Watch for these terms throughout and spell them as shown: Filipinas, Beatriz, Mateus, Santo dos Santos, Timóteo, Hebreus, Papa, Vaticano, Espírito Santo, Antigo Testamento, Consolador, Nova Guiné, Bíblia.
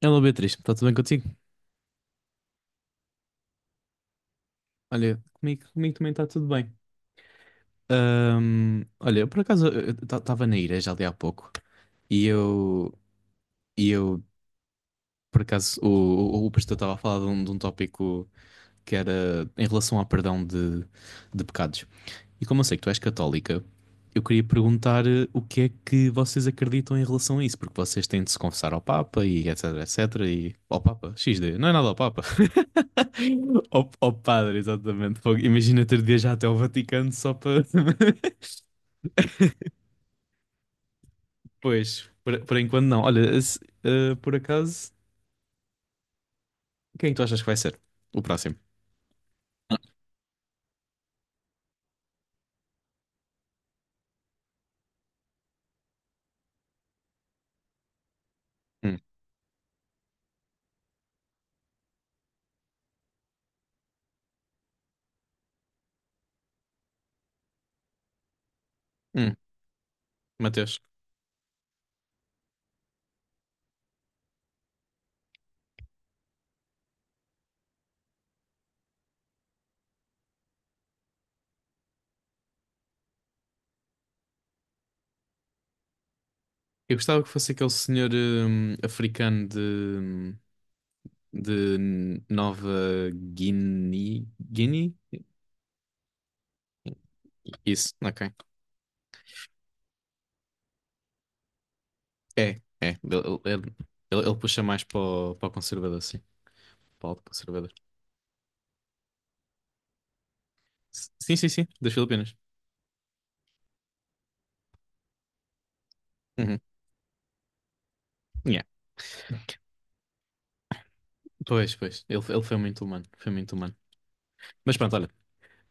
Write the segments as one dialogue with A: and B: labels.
A: Hello Beatriz, está tudo bem contigo? Olha, comigo também está tudo bem. Olha, eu por acaso estava na igreja ali há pouco e eu, e eu por acaso, o pastor estava a falar de um tópico que era em relação ao perdão de pecados. E como eu sei que tu és católica, eu queria perguntar o que é que vocês acreditam em relação a isso, porque vocês têm de se confessar ao Papa e etc, etc, e ao Papa, XD, não é nada ao Papa. Ao padre, exatamente. Fogo. Imagina ter de viajar até ao Vaticano só para. Pois, por enquanto não. Olha, por acaso, quem tu achas que vai ser o próximo? Hum. Hum. Mateus. Eu gostava que fosse aquele senhor africano de Nova Guiné. Guiné? Isso, ok. É, é. Ele- ele puxa mais para o conservador, sim. Para o lado conservador. Sim, sim, sim. Das Filipinas. Uhum. Yeah. Pois, pois. Ele foi muito humano. Foi muito humano. Mas pronto, olha.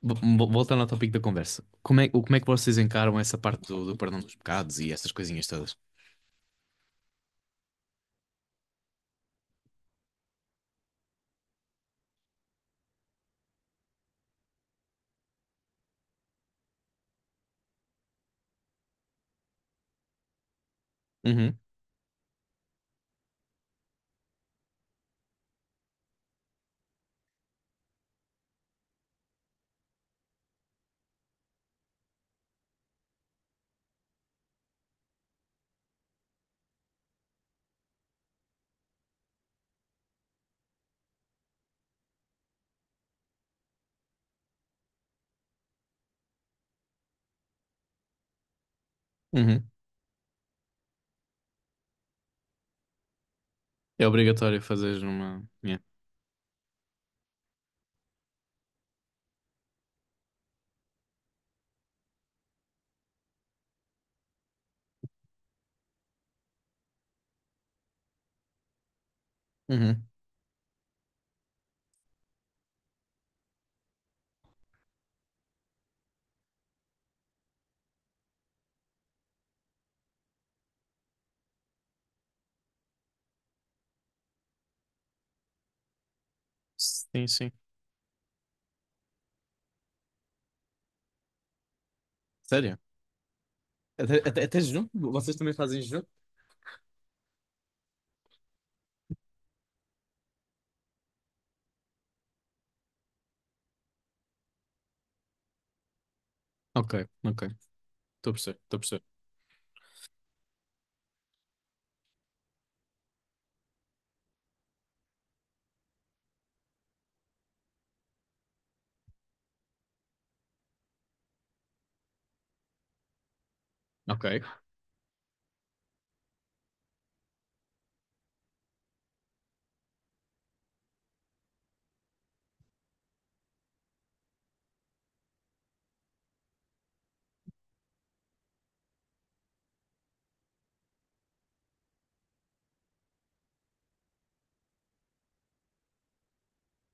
A: Voltando ao tópico da conversa. Como é, como é que vocês encaram essa parte do perdão dos pecados e essas coisinhas todas? Uhum, uhum. É obrigatório fazeres uma. Yeah. Uhum. Sim, sim. Sério? Até jejum? Vocês também fazem jejum? Ok, ok. Estou a perceber, estou a perceber. Ok,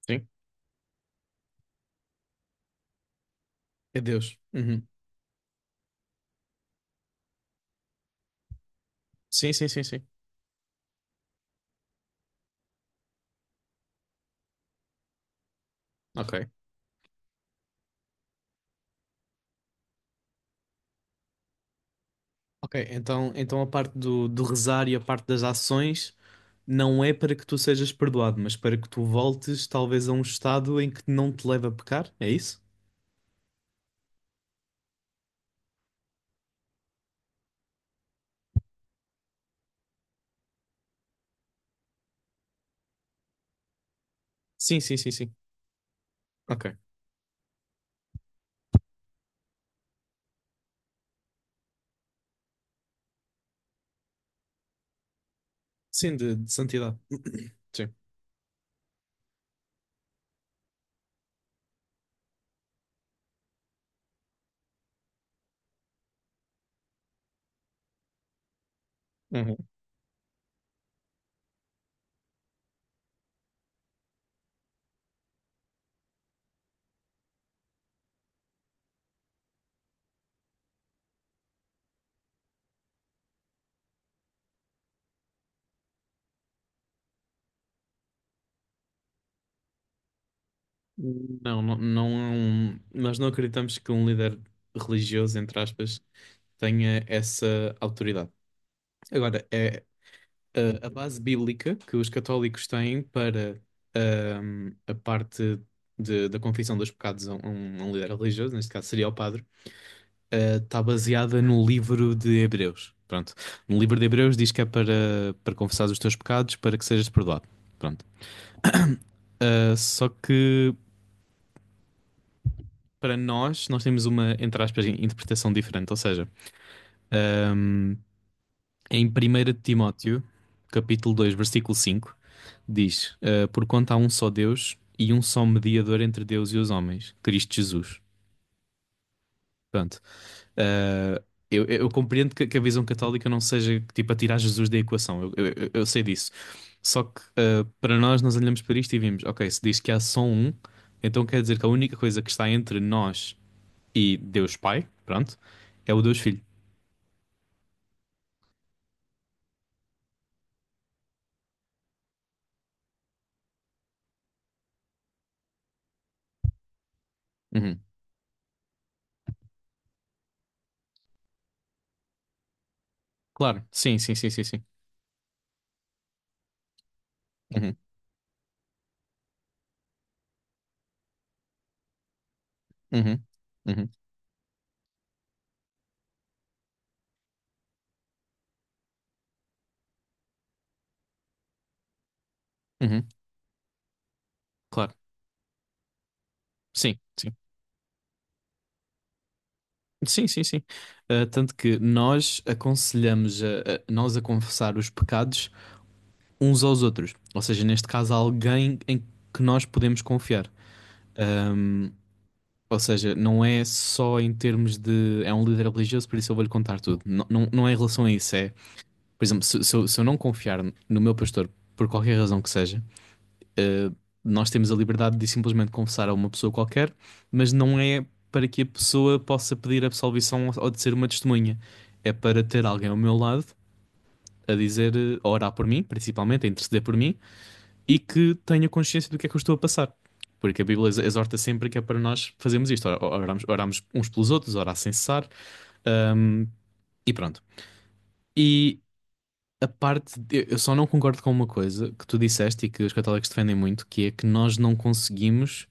A: sim. É Deus. Uhum. Sim, sim, sim, sim. Ok. Ok, então a parte do rezar e a parte das ações. Não é para que tu sejas perdoado, mas para que tu voltes talvez a um estado em que não te leva a pecar, é isso? Sim, sim, sim, sim. Ok. Sim, de santidade. Sim. Uhum. Não, não, não, nós não acreditamos que um líder religioso, entre aspas, tenha essa autoridade. Agora, é a base bíblica que os católicos têm para a parte da confissão dos pecados a um líder religioso, neste caso seria o padre está baseada no livro de Hebreus. Pronto. No livro de Hebreus diz que é para confessar os teus pecados para que sejas perdoado. Pronto. Ah, só que para nós temos uma, entre aspas, interpretação diferente. Ou seja, ahm, em 1 Timóteo, capítulo 2 versículo 5 diz: Porquanto há um só Deus e um só mediador entre Deus e os homens, Cristo Jesus. Pronto. Uh, eu compreendo que a visão católica não seja tipo a tirar Jesus da equação, eu sei disso. Só que para nós, nós olhamos para isto e vimos: ok, se diz que há só um, então quer dizer que a única coisa que está entre nós e Deus Pai, pronto, é o Deus Filho. Uhum. Claro, sim, sim, sim, sim, sim. Uhum, uhum, uhum, uhum. Claro, sim, sim. Sim, sim, sim. Tanto que nós aconselhamos nós a confessar os pecados uns aos outros. Ou seja, neste caso, alguém em que nós podemos confiar. Ahm, ou seja, não é só em termos de é um líder religioso, por isso eu vou-lhe contar tudo. Não, não, não é em relação a isso. É, por exemplo, se eu não confiar no meu pastor, por qualquer razão que seja, eh, nós temos a liberdade de simplesmente confessar a uma pessoa qualquer, mas não é para que a pessoa possa pedir absolvição de ser uma testemunha. É para ter alguém ao meu lado a dizer, a orar por mim, principalmente, a interceder por mim, e que tenha consciência do que é que eu estou a passar. Porque a Bíblia exorta sempre que é para nós fazermos isto. Oramos uns pelos outros, orar sem cessar, hum, e pronto. E eu só não concordo com uma coisa que tu disseste e que os católicos defendem muito, que é que nós não conseguimos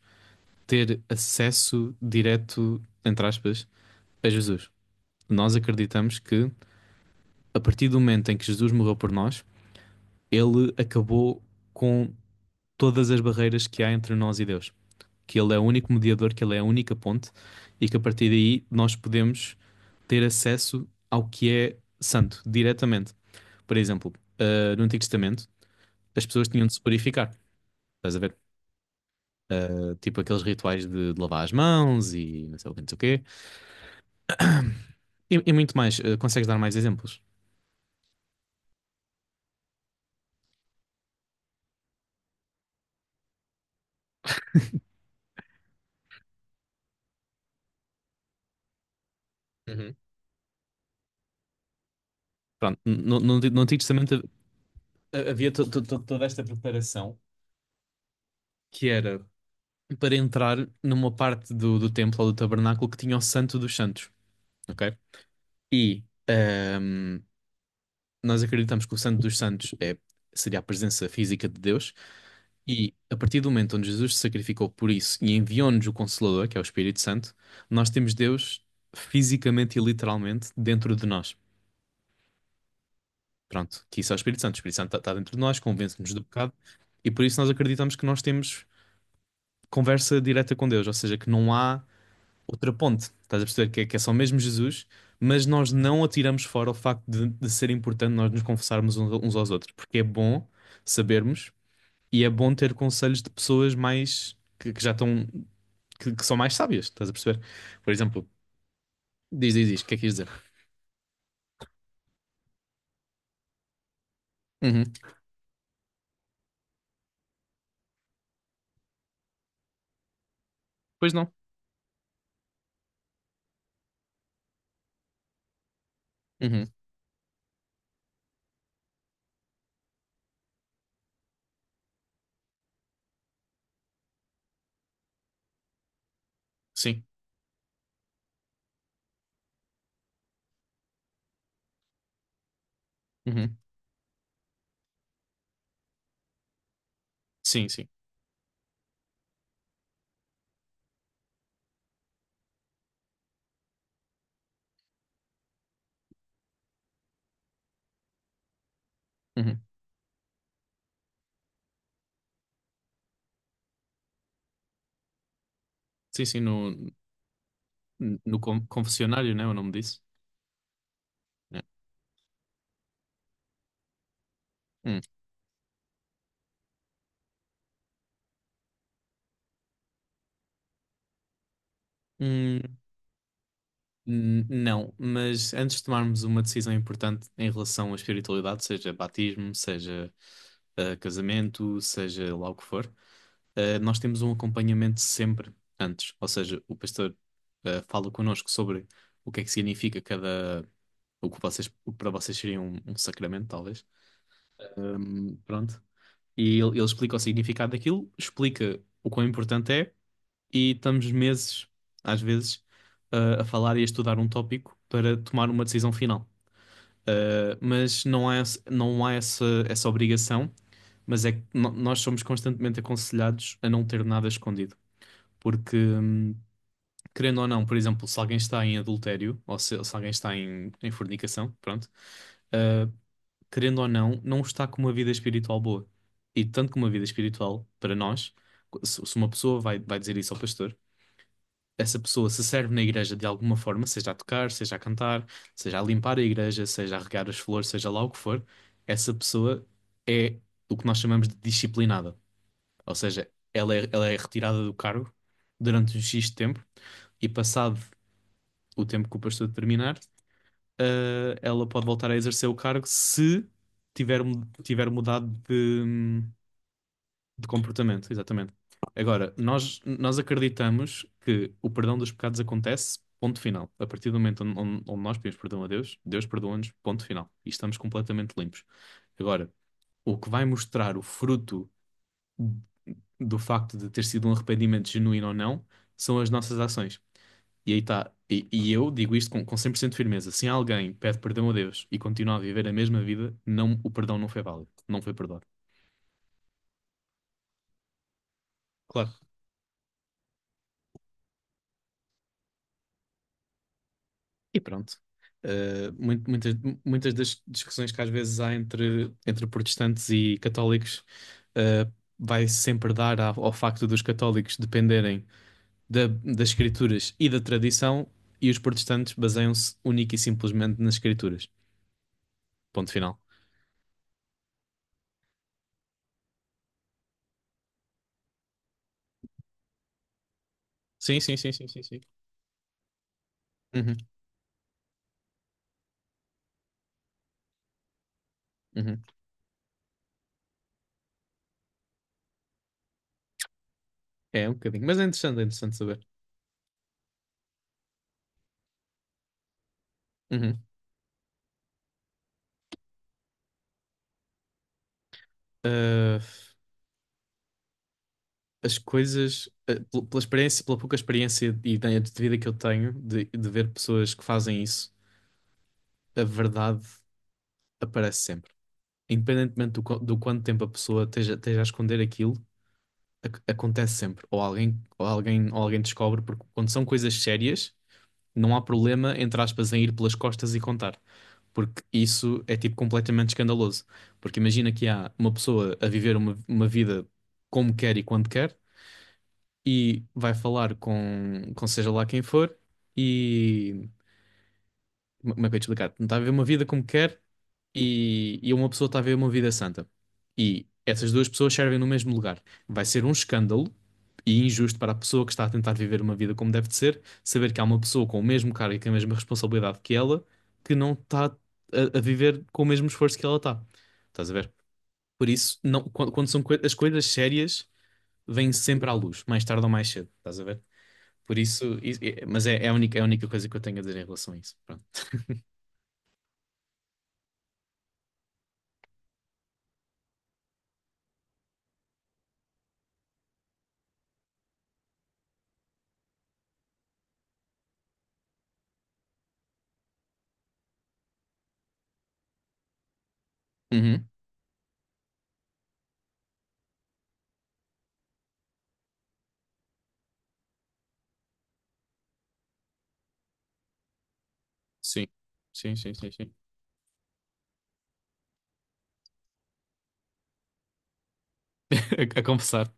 A: ter acesso direto, entre aspas, a Jesus. Nós acreditamos que a partir do momento em que Jesus morreu por nós, ele acabou com todas as barreiras que há entre nós e Deus. Que ele é o único mediador, que ele é a única ponte, e que a partir daí nós podemos ter acesso ao que é santo, diretamente. Por exemplo, no Antigo Testamento, as pessoas tinham de se purificar. Estás a ver? Ah, tipo aqueles rituais de lavar as mãos e não sei o que, não sei o quê. E muito mais. Ah, consegues dar mais exemplos? Uhum. Pronto, no Antigo Testamento havia toda esta preparação que era para entrar numa parte do templo ou do tabernáculo que tinha o Santo dos Santos, ok? E nós acreditamos que o Santo dos Santos seria a presença física de Deus, e a partir do momento onde Jesus se sacrificou por isso e enviou-nos o Consolador, que é o Espírito Santo, nós temos Deus fisicamente e literalmente dentro de nós. Pronto, que isso é o Espírito Santo. O Espírito Santo está dentro de nós, convence-nos do pecado, e por isso nós acreditamos que nós temos conversa direta com Deus, ou seja, que não há outra ponte. Estás a perceber que é, só mesmo Jesus, mas nós não atiramos fora o facto de ser importante nós nos confessarmos uns aos outros, porque é bom sabermos. E é bom ter conselhos de pessoas mais que já estão que são mais sábias, estás a perceber? Por exemplo, diz, o que é que quis dizer? Uhum. Pois não. Uhum. Sim, Uhum. sim, sim. Uhum. Sim, sim, no confessionário, né? O nome disso. É. Uhum. Hum, não, mas antes de tomarmos uma decisão importante em relação à espiritualidade, seja batismo, seja casamento, seja lá o que for, nós temos um acompanhamento sempre antes, ou seja, o pastor fala connosco sobre o que é que significa cada, o que vocês, o que para vocês seria um sacramento, talvez. Pronto. E ele explica o significado daquilo, explica o quão importante é, e estamos meses, às vezes, a falar e a estudar um tópico para tomar uma decisão final. Mas não há, não há essa obrigação, mas é que nós somos constantemente aconselhados a não ter nada escondido. Porque, querendo ou não, por exemplo, se alguém está em adultério, ou se alguém está em fornicação, pronto, uh, querendo ou não, não está com uma vida espiritual boa. E tanto que uma vida espiritual, para nós, se uma pessoa vai dizer isso ao pastor, essa pessoa se serve na igreja de alguma forma, seja a tocar, seja a cantar, seja a limpar a igreja, seja a regar as flores, seja lá o que for, essa pessoa é o que nós chamamos de disciplinada. Ou seja, ela é retirada do cargo durante um X tempo e passado o tempo que o pastor determinar, ela pode voltar a exercer o cargo se tiver, tiver mudado de comportamento, exatamente. Agora, nós acreditamos que o perdão dos pecados acontece, ponto final. A partir do momento onde nós pedimos perdão a Deus, Deus perdoa-nos, ponto final. E estamos completamente limpos. Agora, o que vai mostrar o fruto do facto de ter sido um arrependimento genuíno ou não são as nossas ações. E aí está. E eu digo isto com 100% de firmeza. Se alguém pede perdão a Deus e continua a viver a mesma vida, não, o perdão não foi válido. Não foi perdoado. Claro. E pronto. Uh, mui- muitas, muitas das discussões que às vezes há entre protestantes e católicos, uh, vai sempre dar ao facto dos católicos dependerem das escrituras e da tradição, e os protestantes baseiam-se única e simplesmente nas escrituras. Ponto final. Sim, sim, sim, sim, sim, sim. Uhum, uhum. É, um bocadinho. Mas é interessante saber. Uhum. Ah, as coisas, pela experiência, pela pouca experiência e ideia de vida que eu tenho de ver pessoas que fazem isso, a verdade aparece sempre. Independentemente do quanto tempo a pessoa esteja, a esconder aquilo, acontece sempre. Ou alguém descobre, porque quando são coisas sérias, não há problema, entre aspas, em ir pelas costas e contar. Porque isso é tipo completamente escandaloso. Porque imagina que há uma pessoa a viver uma vida como quer e quando quer, e vai falar com seja lá quem for, e como é que eu ia te explicar? Tentar viver uma vida como quer e uma pessoa está a viver uma vida santa. E essas duas pessoas servem no mesmo lugar. Vai ser um escândalo e injusto para a pessoa que está a tentar viver uma vida como deve de ser, saber que há uma pessoa com o mesmo cargo e com a mesma responsabilidade que ela que não está a viver com o mesmo esforço que ela está. Estás a ver? Por isso, não, quando são as coisas sérias, vêm sempre à luz, mais tarde ou mais cedo. Estás a ver? Por isso, mas é a única, é a única, coisa que eu tenho a dizer em relação a isso. Pronto. Uhum. Sim, sim, sim, sim, sim. A conversar.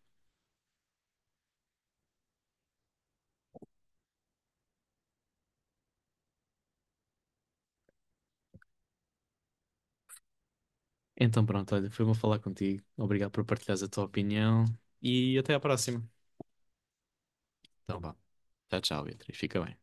A: Então pronto, olha, foi bom falar contigo. Obrigado por partilhares a tua opinião e até à próxima. Então vá. Tchau, tchau, Beatriz. Fica bem.